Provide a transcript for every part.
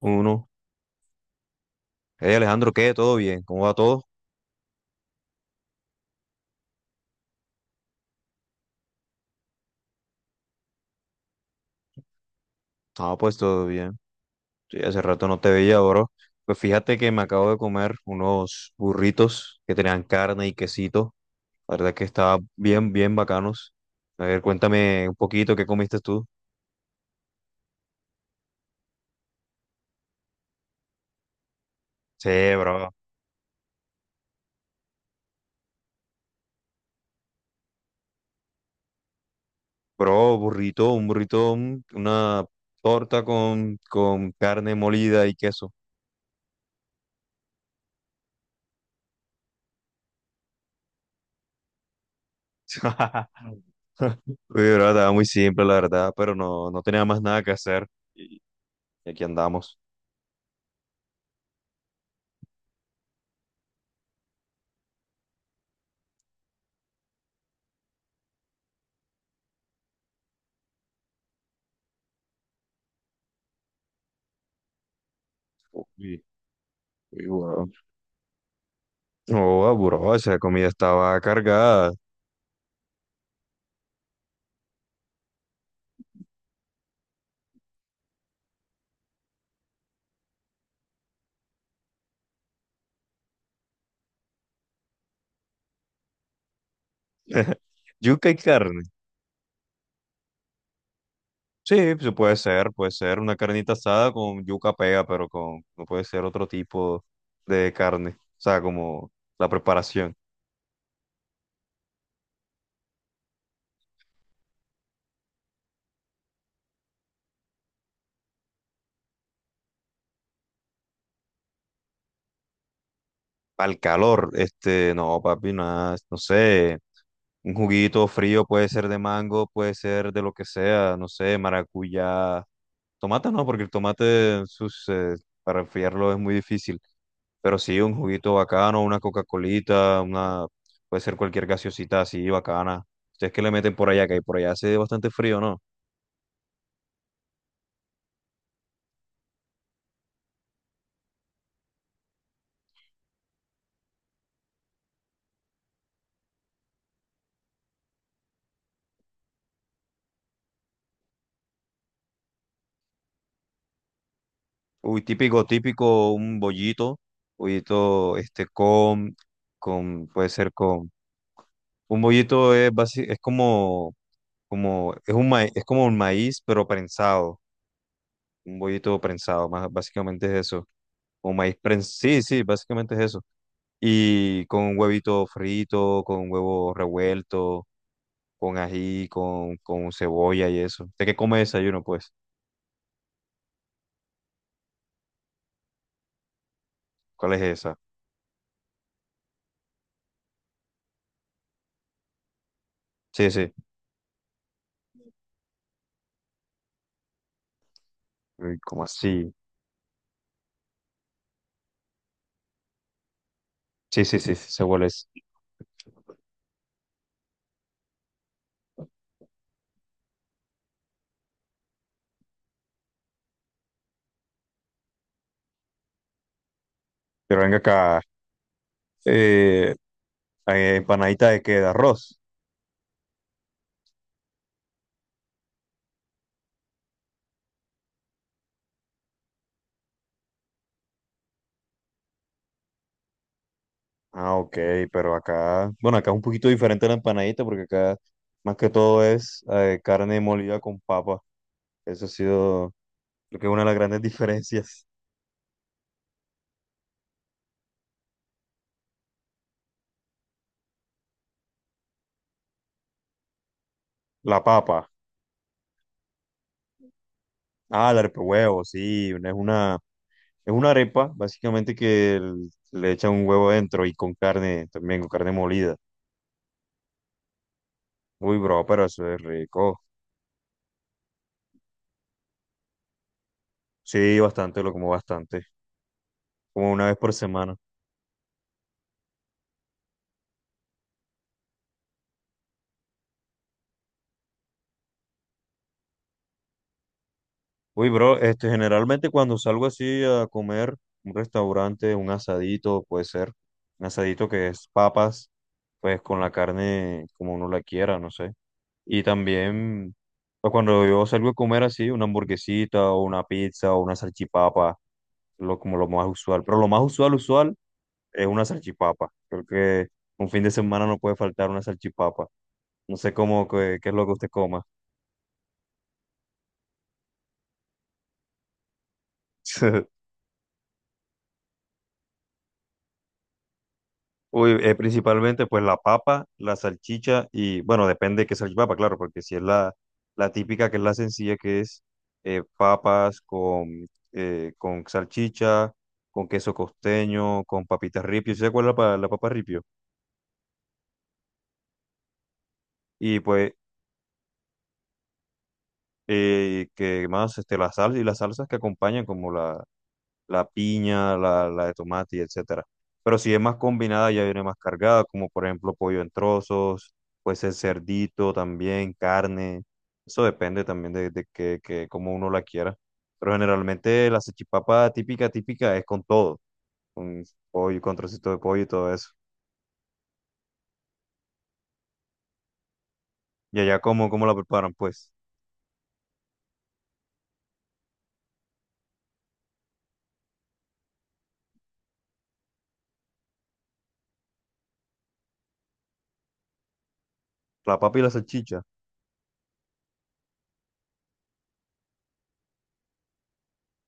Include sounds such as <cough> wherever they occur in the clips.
Uno. Hey Alejandro, ¿qué? ¿Todo bien? ¿Cómo va todo? Ah, pues todo bien. Sí, hace rato no te veía, bro. Pues fíjate que me acabo de comer unos burritos que tenían carne y quesito. La verdad que estaba bien, bien bacanos. A ver, cuéntame un poquito qué comiste tú. Sí, bro. Bro, burrito, un burrito, una torta con carne molida y queso. <laughs> Uy, bro, estaba muy simple, la verdad, pero no, no tenía más nada que hacer. Y aquí andamos. Y guau. No, bro, esa comida estaba cargada. <laughs> Yuca y carne. Sí, pues, puede ser una carnita asada con yuca pega, pero con, no puede ser otro tipo de carne. O sea, como la preparación. Al calor, este, no, papi, nada, no sé. Un juguito frío puede ser de mango, puede ser de lo que sea, no sé, maracuyá. Tomate no, porque el tomate sus, para enfriarlo es muy difícil. Pero sí, un juguito bacano, una Coca-Colita, una, puede ser cualquier gaseosita así bacana. Ustedes que le meten por allá, que por allá hace bastante frío, ¿no? Uy, típico, típico, un bollito, bollito, este, con, puede ser con un bollito es, es como, como, es un maíz, es como un maíz, pero prensado. Un bollito prensado, más, básicamente es eso. O maíz prensado. Sí, sí, básicamente es eso. Y con un huevito frito, con huevo revuelto, con ají, con cebolla y eso. ¿De qué come desayuno, pues? ¿Cuál es esa? Sí, sí. Uy, ¿cómo así? Sí, sí, sí, sí, sé cuál es. Pero venga acá. Eh, empanadita de qué, de arroz. Ah, ok, pero acá, bueno, acá es un poquito diferente la empanadita porque acá más que todo es carne molida con papa. Eso ha sido lo que es una de las grandes <laughs> diferencias. La papa. Ah, la arepa de huevo, sí, es una arepa básicamente que le echan un huevo dentro y con carne también, con carne molida. Uy, bro, pero eso es rico. Sí, bastante, lo como bastante, como una vez por semana. Uy, bro, este, generalmente cuando salgo así a comer, un restaurante, un asadito, puede ser, un asadito que es papas, pues con la carne como uno la quiera, no sé. Y también, pues cuando yo salgo a comer así, una hamburguesita o una pizza o una salchipapa, lo, como lo más usual. Pero lo más usual, usual, es una salchipapa. Creo que un fin de semana no puede faltar una salchipapa. No sé cómo, qué, es lo que usted coma. <laughs> Uy, principalmente pues la papa, la salchicha y bueno, depende de qué salchipapa, claro, porque si es la, la típica, que es la sencilla, que es papas con salchicha, con queso costeño, con papitas ripio, ¿sí se acuerda la, la papa ripio? Y pues que más este, la sal y las salsas que acompañan como la piña, la de tomate y etcétera. Pero si es más combinada, ya viene más cargada, como por ejemplo pollo en trozos, pues el cerdito también, carne. Eso depende también de que cómo uno la quiera. Pero generalmente la salchipapa típica, típica es con todo, con pollo, con trocito de pollo y todo eso. Y allá cómo, cómo la preparan, pues, la papa y la salchicha.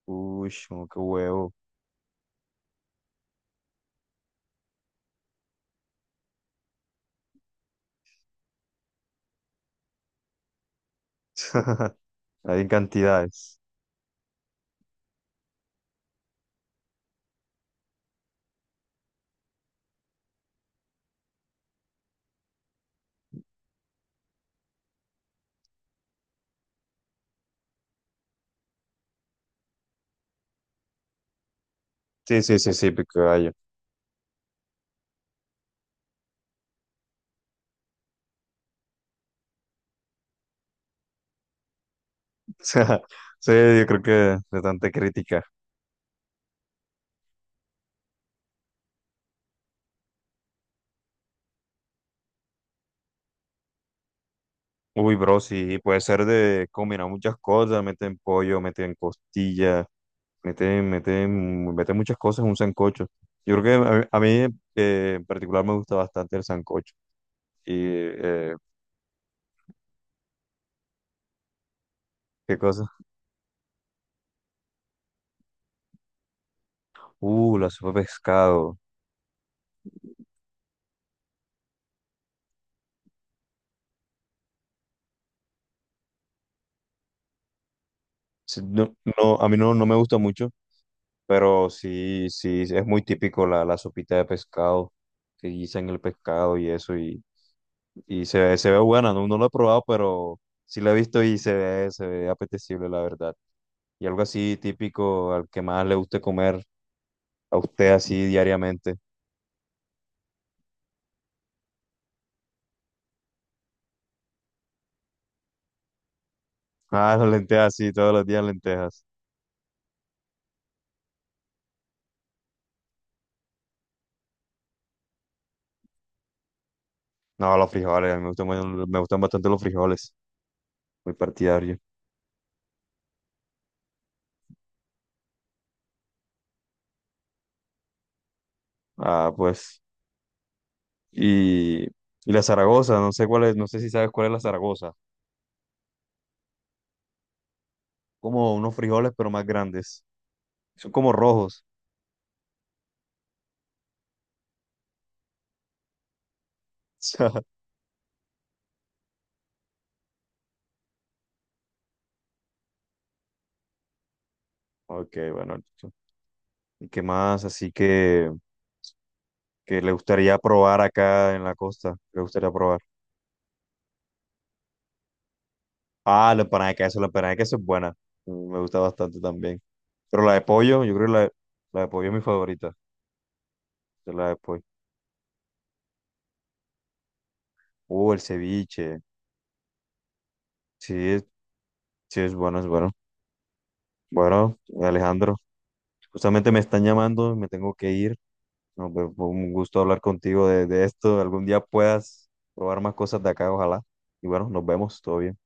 Uy, no, qué huevo. <laughs> Hay en cantidades. Sí, sí, sí, sí, pico de gallo. <laughs> O sea, sí, yo creo que de tanta crítica. Uy, bro, sí, puede ser de combinar muchas cosas, meten pollo, meten costilla, meten muchas cosas en un sancocho. Yo creo que a mí, en particular me gusta bastante el sancocho. Y, ¿qué cosa? La sopa de pescado. Sí, no, no, a mí no, no me gusta mucho. Pero sí, sí, es muy típico la, la sopita de pescado, que guisan el pescado y eso, y se ve buena, no, no lo he probado, pero sí la he visto y se ve apetecible, la verdad. Y algo así típico al que más le guste comer a usted así diariamente. <laughs> Ah, las lentejas, sí, todos los días lentejas. No, los frijoles, a mí me gustan, me gustan bastante los frijoles, muy partidario. Ah, pues, y la Zaragoza, no sé cuál es, no sé si sabes cuál es la Zaragoza. Como unos frijoles, pero más grandes. Son como rojos. <laughs> Ok, bueno, listo. ¿Y qué más? Así que le gustaría probar acá en la costa. Le gustaría probar. Ah, la empanada de queso. La empanada de queso es buena. Mm, me gusta bastante también. Pero la de pollo, yo creo que la de pollo es mi favorita. De la de pollo. El ceviche. Sí, es- sí, es bueno, es bueno. Bueno, Alejandro, justamente me están llamando, me tengo que ir. No, pues, fue un gusto hablar contigo de esto. Algún día puedas probar más cosas de acá, ojalá. Y bueno, nos vemos, todo bien.